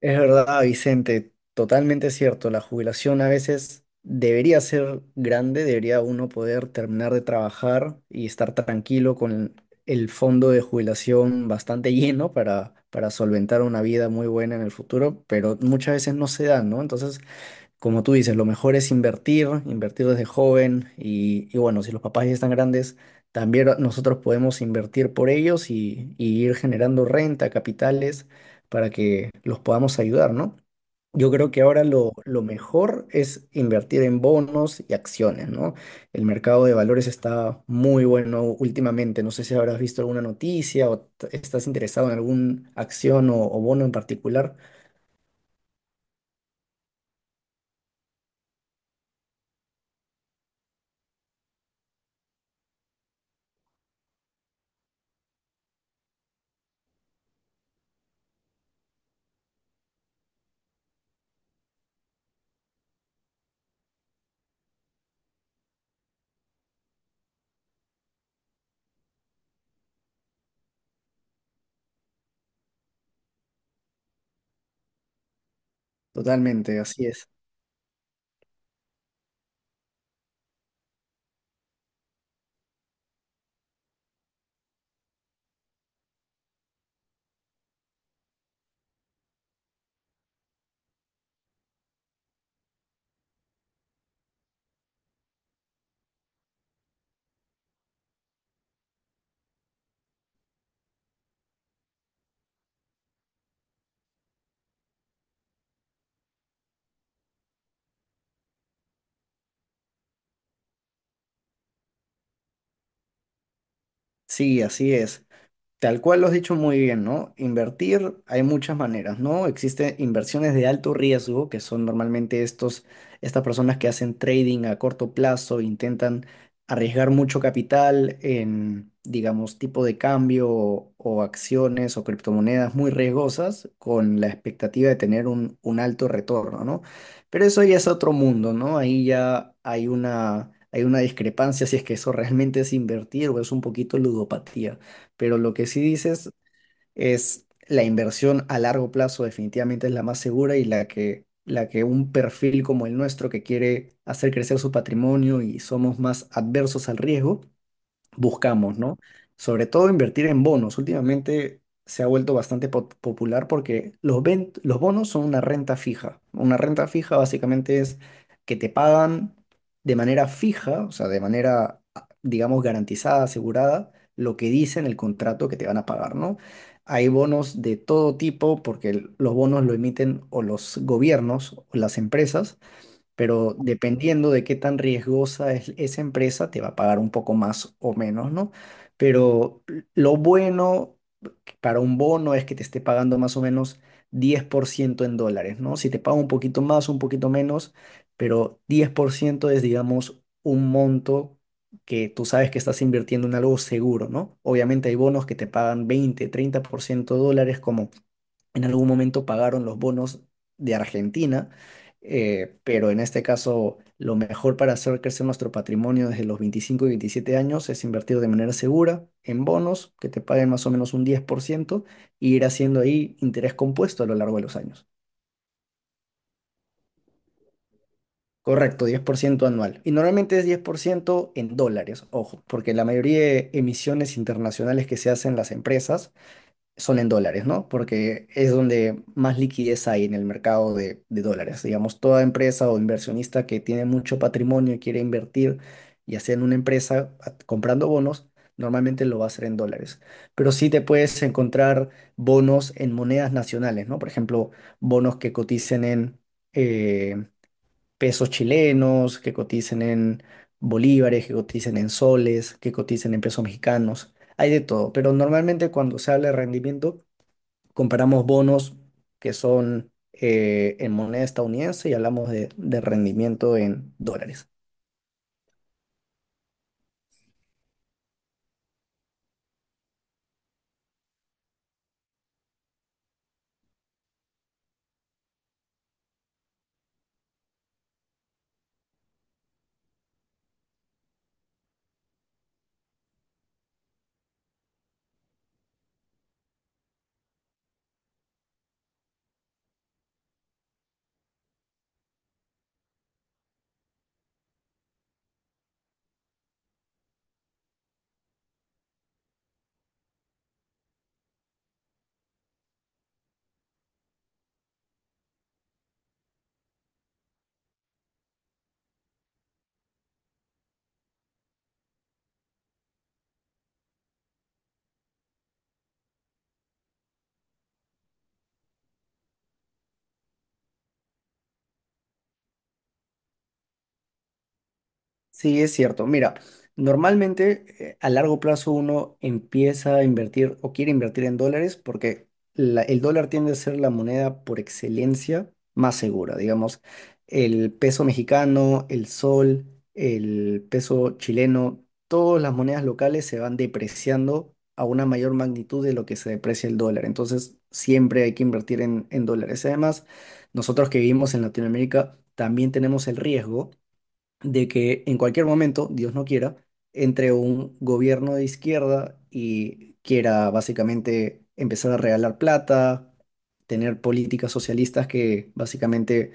Es verdad, Vicente, totalmente cierto. La jubilación a veces debería ser grande, debería uno poder terminar de trabajar y estar tranquilo con el fondo de jubilación bastante lleno para solventar una vida muy buena en el futuro, pero muchas veces no se da, ¿no? Entonces, como tú dices, lo mejor es invertir desde joven y bueno, si los papás ya están grandes, también nosotros podemos invertir por ellos y ir generando renta, capitales, para que los podamos ayudar, ¿no? Yo creo que ahora lo mejor es invertir en bonos y acciones, ¿no? El mercado de valores está muy bueno últimamente. No sé si habrás visto alguna noticia o estás interesado en alguna acción o bono en particular. Totalmente, así es. Sí, así es. Tal cual lo has dicho muy bien, ¿no? Invertir hay muchas maneras, ¿no? Existen inversiones de alto riesgo, que son normalmente estas personas que hacen trading a corto plazo, intentan arriesgar mucho capital en, digamos, tipo de cambio o acciones o criptomonedas muy riesgosas con la expectativa de tener un alto retorno, ¿no? Pero eso ya es otro mundo, ¿no? Ahí ya hay una discrepancia si es que eso realmente es invertir o es un poquito ludopatía. Pero lo que sí dices es la inversión a largo plazo definitivamente es la más segura y la que un perfil como el nuestro que quiere hacer crecer su patrimonio y somos más adversos al riesgo, buscamos, ¿no? Sobre todo invertir en bonos. Últimamente se ha vuelto bastante popular porque los bonos son una renta fija. Una renta fija básicamente es que te pagan de manera fija, o sea, de manera, digamos, garantizada, asegurada, lo que dice en el contrato que te van a pagar, ¿no? Hay bonos de todo tipo porque los bonos lo emiten o los gobiernos o las empresas, pero dependiendo de qué tan riesgosa es esa empresa, te va a pagar un poco más o menos, ¿no? Pero lo bueno para un bono es que te esté pagando más o menos 10% en dólares, ¿no? Si te paga un poquito más, un poquito menos, pero 10% es, digamos, un monto que tú sabes que estás invirtiendo en algo seguro, ¿no? Obviamente hay bonos que te pagan 20, 30% dólares, como en algún momento pagaron los bonos de Argentina, pero en este caso, lo mejor para hacer crecer nuestro patrimonio desde los 25 y 27 años es invertir de manera segura en bonos que te paguen más o menos un 10% y ir haciendo ahí interés compuesto a lo largo de los años. Correcto, 10% anual. Y normalmente es 10% en dólares, ojo, porque la mayoría de emisiones internacionales que se hacen las empresas son en dólares, ¿no? Porque es donde más liquidez hay en el mercado de dólares. Digamos, toda empresa o inversionista que tiene mucho patrimonio y quiere invertir, ya sea en una empresa comprando bonos, normalmente lo va a hacer en dólares. Pero sí te puedes encontrar bonos en monedas nacionales, ¿no? Por ejemplo, bonos que coticen en eh, pesos chilenos, que coticen en bolívares, que coticen en soles, que coticen en pesos mexicanos. Hay de todo, pero normalmente cuando se habla de rendimiento, comparamos bonos que son en moneda estadounidense y hablamos de rendimiento en dólares. Sí, es cierto. Mira, normalmente a largo plazo uno empieza a invertir o quiere invertir en dólares porque el dólar tiende a ser la moneda por excelencia más segura. Digamos, el peso mexicano, el sol, el peso chileno, todas las monedas locales se van depreciando a una mayor magnitud de lo que se deprecia el dólar. Entonces, siempre hay que invertir en dólares. Además, nosotros que vivimos en Latinoamérica también tenemos el riesgo de que en cualquier momento, Dios no quiera, entre un gobierno de izquierda y quiera básicamente empezar a regalar plata, tener políticas socialistas que básicamente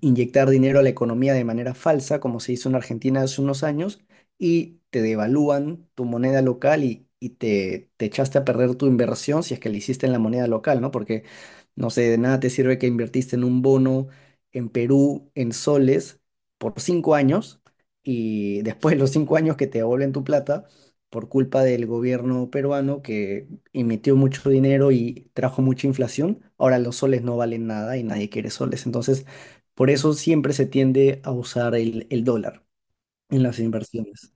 inyectar dinero a la economía de manera falsa, como se hizo en Argentina hace unos años, y te devalúan tu moneda local y te echaste a perder tu inversión si es que la hiciste en la moneda local, ¿no? Porque, no sé, de nada te sirve que invertiste en un bono en Perú en soles por 5 años y después de los 5 años que te devuelven tu plata por culpa del gobierno peruano que emitió mucho dinero y trajo mucha inflación, ahora los soles no valen nada y nadie quiere soles. Entonces, por eso siempre se tiende a usar el dólar en las inversiones.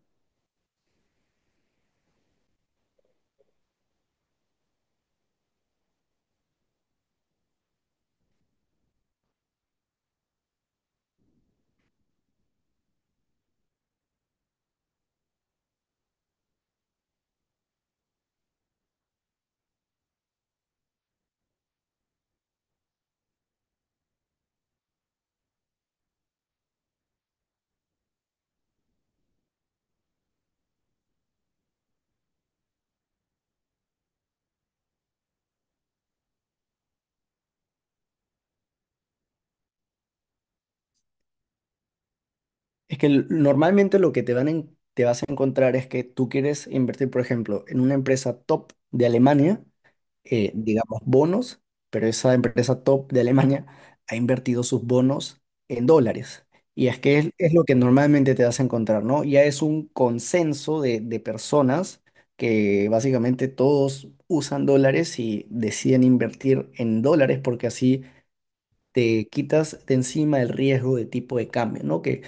Es que normalmente lo que te vas a encontrar es que tú quieres invertir, por ejemplo, en una empresa top de Alemania, digamos, bonos, pero esa empresa top de Alemania ha invertido sus bonos en dólares. Y es que es lo que normalmente te vas a encontrar, ¿no? Ya es un consenso de personas que básicamente todos usan dólares y deciden invertir en dólares porque así te quitas de encima el riesgo de tipo de cambio, ¿no? Que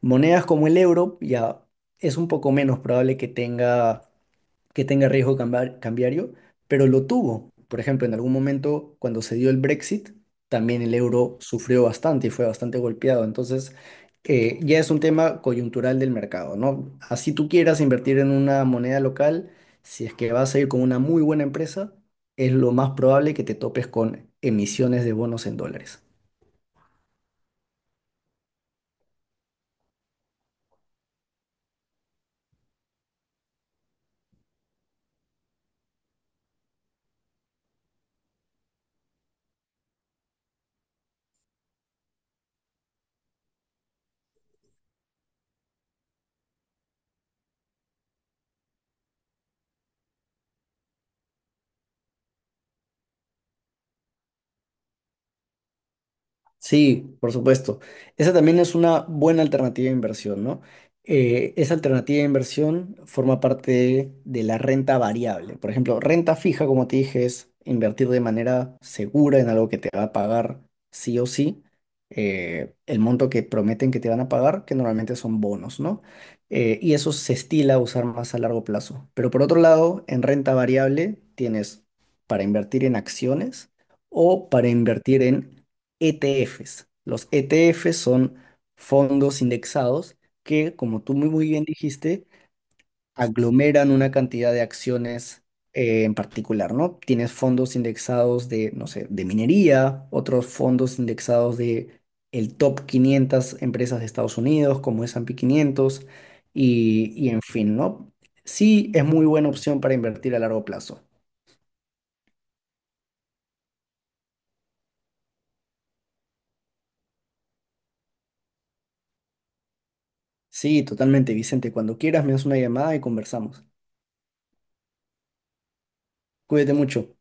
monedas como el euro ya es un poco menos probable que tenga riesgo cambiario, pero lo tuvo. Por ejemplo, en algún momento cuando se dio el Brexit, también el euro sufrió bastante y fue bastante golpeado. Entonces, ya es un tema coyuntural del mercado, ¿no? Así tú quieras invertir en una moneda local, si es que vas a ir con una muy buena empresa, es lo más probable que te topes con emisiones de bonos en dólares. Sí, por supuesto. Esa también es una buena alternativa de inversión, ¿no? Esa alternativa de inversión forma parte de la renta variable. Por ejemplo, renta fija, como te dije, es invertir de manera segura en algo que te va a pagar sí o sí, el monto que prometen que te van a pagar, que normalmente son bonos, ¿no? Y eso se estila a usar más a largo plazo. Pero por otro lado, en renta variable tienes para invertir en acciones o para invertir en ETFs. Los ETFs son fondos indexados que, como tú muy, muy bien dijiste, aglomeran una cantidad de acciones, en particular, ¿no? Tienes fondos indexados de, no sé, de minería, otros fondos indexados de el top 500 empresas de Estados Unidos, como S&P 500 y en fin, ¿no? Sí, es muy buena opción para invertir a largo plazo. Sí, totalmente, Vicente. Cuando quieras me das una llamada y conversamos. Cuídate mucho.